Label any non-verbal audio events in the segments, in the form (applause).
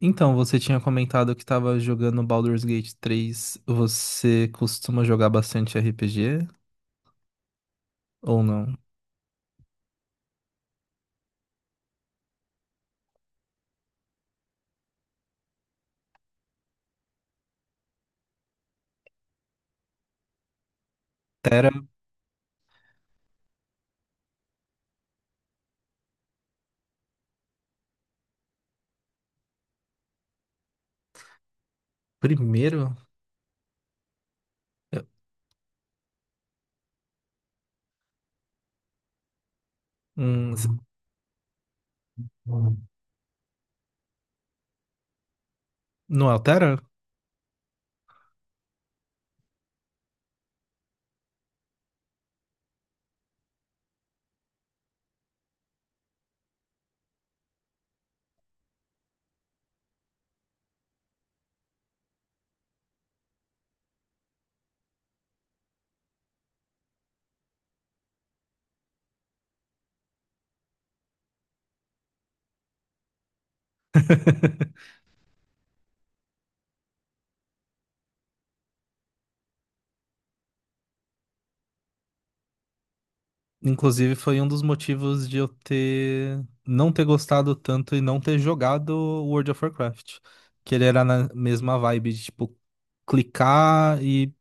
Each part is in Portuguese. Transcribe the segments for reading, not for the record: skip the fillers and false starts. Então, você tinha comentado que estava jogando Baldur's Gate 3. Você costuma jogar bastante RPG ou não? Tera primeiro? Eu- Hum, s- não é o Tera? (laughs) Inclusive, foi um dos motivos de eu ter não ter gostado tanto e não ter jogado World of Warcraft. Que ele era na mesma vibe de, tipo, clicar e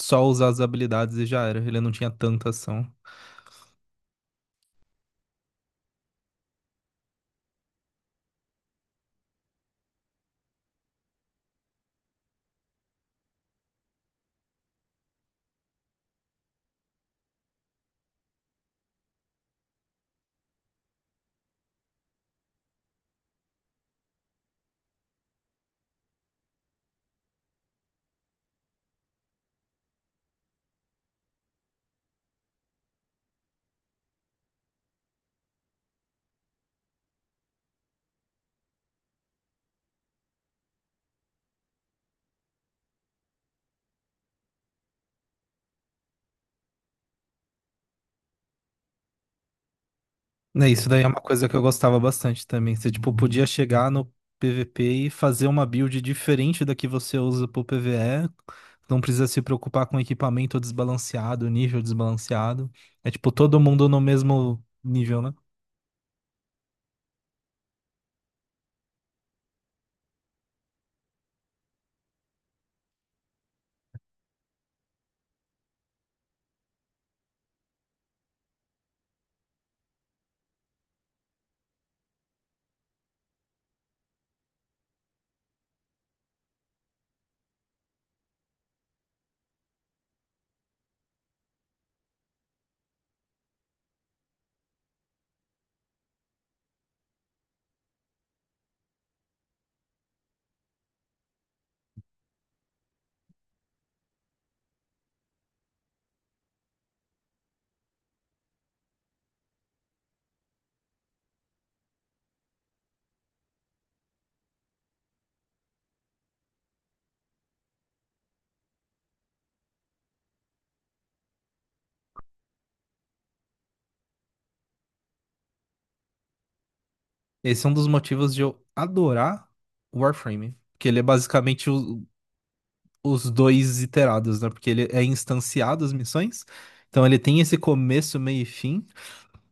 só usar as habilidades e já era. Ele não tinha tanta ação. Né, isso daí é uma coisa que eu gostava bastante também. Você, tipo, podia chegar no PVP e fazer uma build diferente da que você usa pro PvE. Não precisa se preocupar com equipamento desbalanceado, nível desbalanceado. É, tipo, todo mundo no mesmo nível, né? Esse é um dos motivos de eu adorar o Warframe. Porque ele é basicamente o- os dois iterados, né? Porque ele é instanciado as missões. Então ele tem esse começo, meio e fim.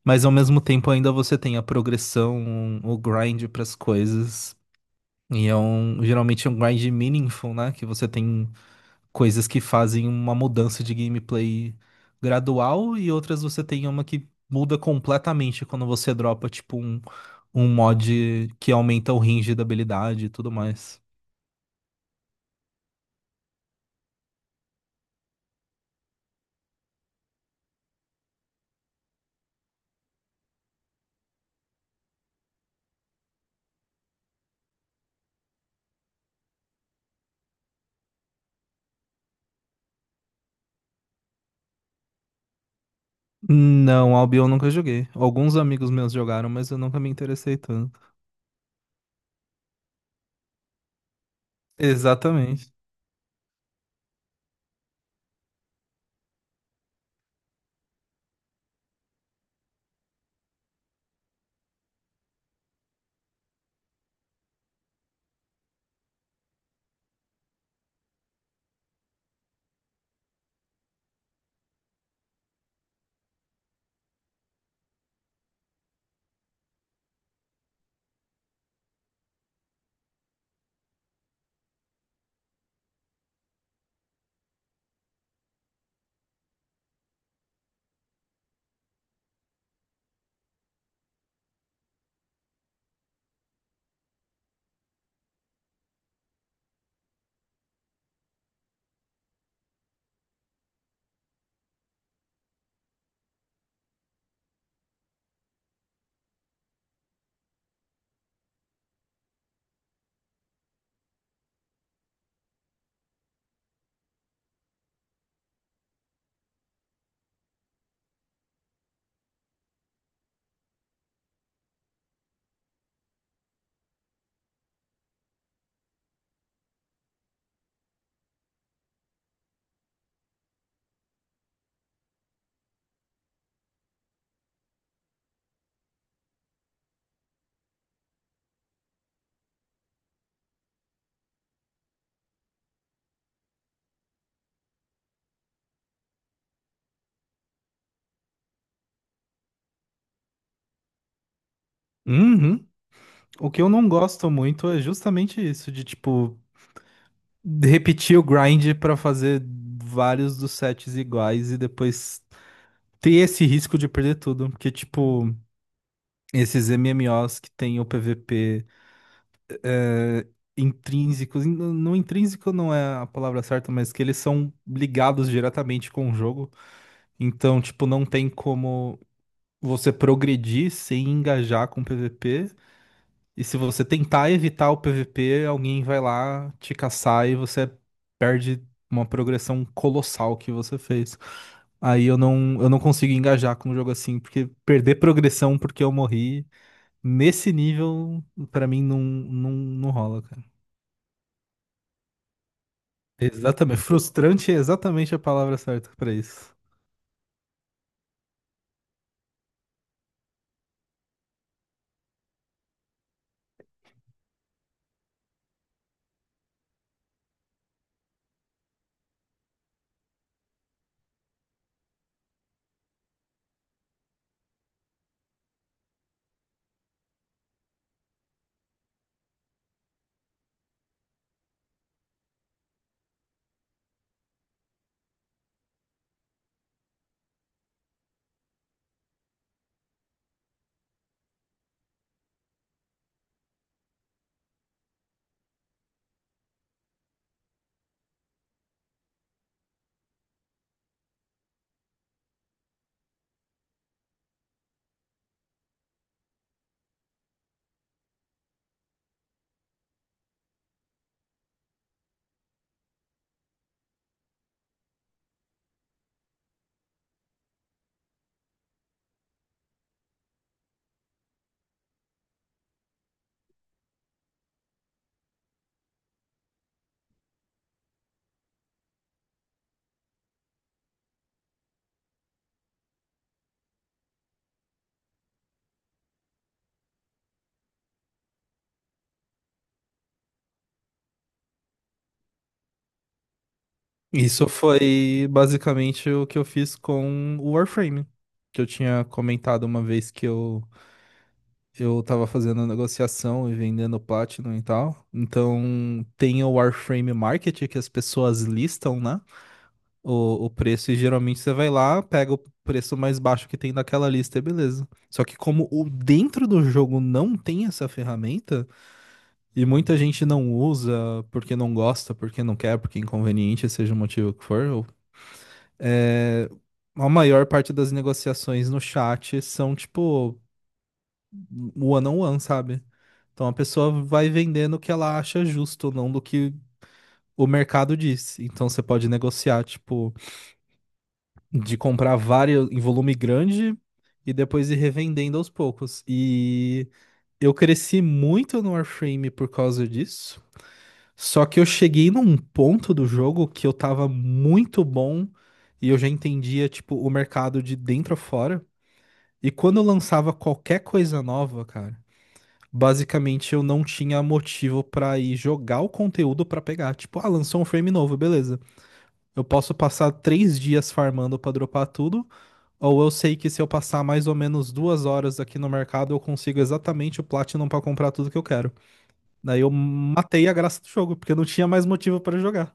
Mas ao mesmo tempo ainda você tem a progressão, o grind pras coisas. Geralmente é um grind meaningful, né? Que você tem coisas que fazem uma mudança de gameplay gradual e outras você tem uma que muda completamente quando você dropa, tipo, um mod que aumenta o range da habilidade e tudo mais. Não, Albion eu nunca joguei. Alguns amigos meus jogaram, mas eu nunca me interessei tanto. Exatamente. Uhum. O que eu não gosto muito é justamente isso, de tipo, repetir o grind pra fazer vários dos sets iguais e depois ter esse risco de perder tudo. Porque, tipo, esses MMOs que tem o PVP é, não intrínseco não é a palavra certa, mas que eles são ligados diretamente com o jogo. Então, tipo, não tem como você progredir sem engajar com o PVP. E se você tentar evitar o PVP, alguém vai lá te caçar e você perde uma progressão colossal que você fez. Aí eu não consigo engajar com um jogo assim, porque perder progressão porque eu morri, nesse nível, pra mim não rola, cara. Exatamente. Frustrante é exatamente a palavra certa pra isso. Isso foi basicamente o que eu fiz com o Warframe, que eu tinha comentado uma vez que eu tava fazendo negociação e vendendo Platinum e tal. Então tem o Warframe Market que as pessoas listam, né? O preço, e geralmente você vai lá, pega o preço mais baixo que tem naquela lista e beleza. Só que como o dentro do jogo não tem essa ferramenta, e muita gente não usa porque não gosta, porque não quer, porque é inconveniente, seja o motivo que for, é, a maior parte das negociações no chat são tipo one on one, sabe? Então a pessoa vai vendendo o que ela acha justo, não do que o mercado diz. Então você pode negociar, tipo, de comprar vários em volume grande e depois ir revendendo aos poucos. E eu cresci muito no Warframe por causa disso. Só que eu cheguei num ponto do jogo que eu tava muito bom e eu já entendia, tipo, o mercado de dentro a fora. E quando eu lançava qualquer coisa nova, cara, basicamente eu não tinha motivo pra ir jogar o conteúdo pra pegar. Tipo, ah, lançou um frame novo, beleza. Eu posso passar 3 dias farmando pra dropar tudo, ou eu sei que se eu passar mais ou menos 2 horas aqui no mercado, eu consigo exatamente o Platinum pra comprar tudo que eu quero. Daí eu matei a graça do jogo, porque eu não tinha mais motivo pra jogar.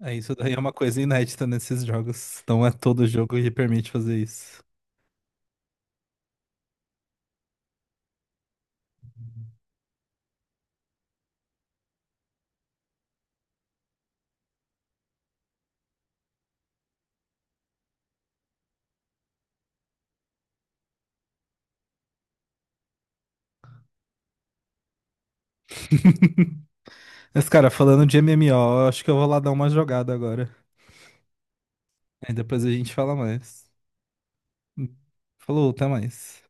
É, isso daí é uma coisa inédita nesses jogos. Não é todo jogo que permite fazer isso. Mas, cara, falando de MMO, eu acho que eu vou lá dar uma jogada agora. Aí depois a gente fala mais. Falou, até mais.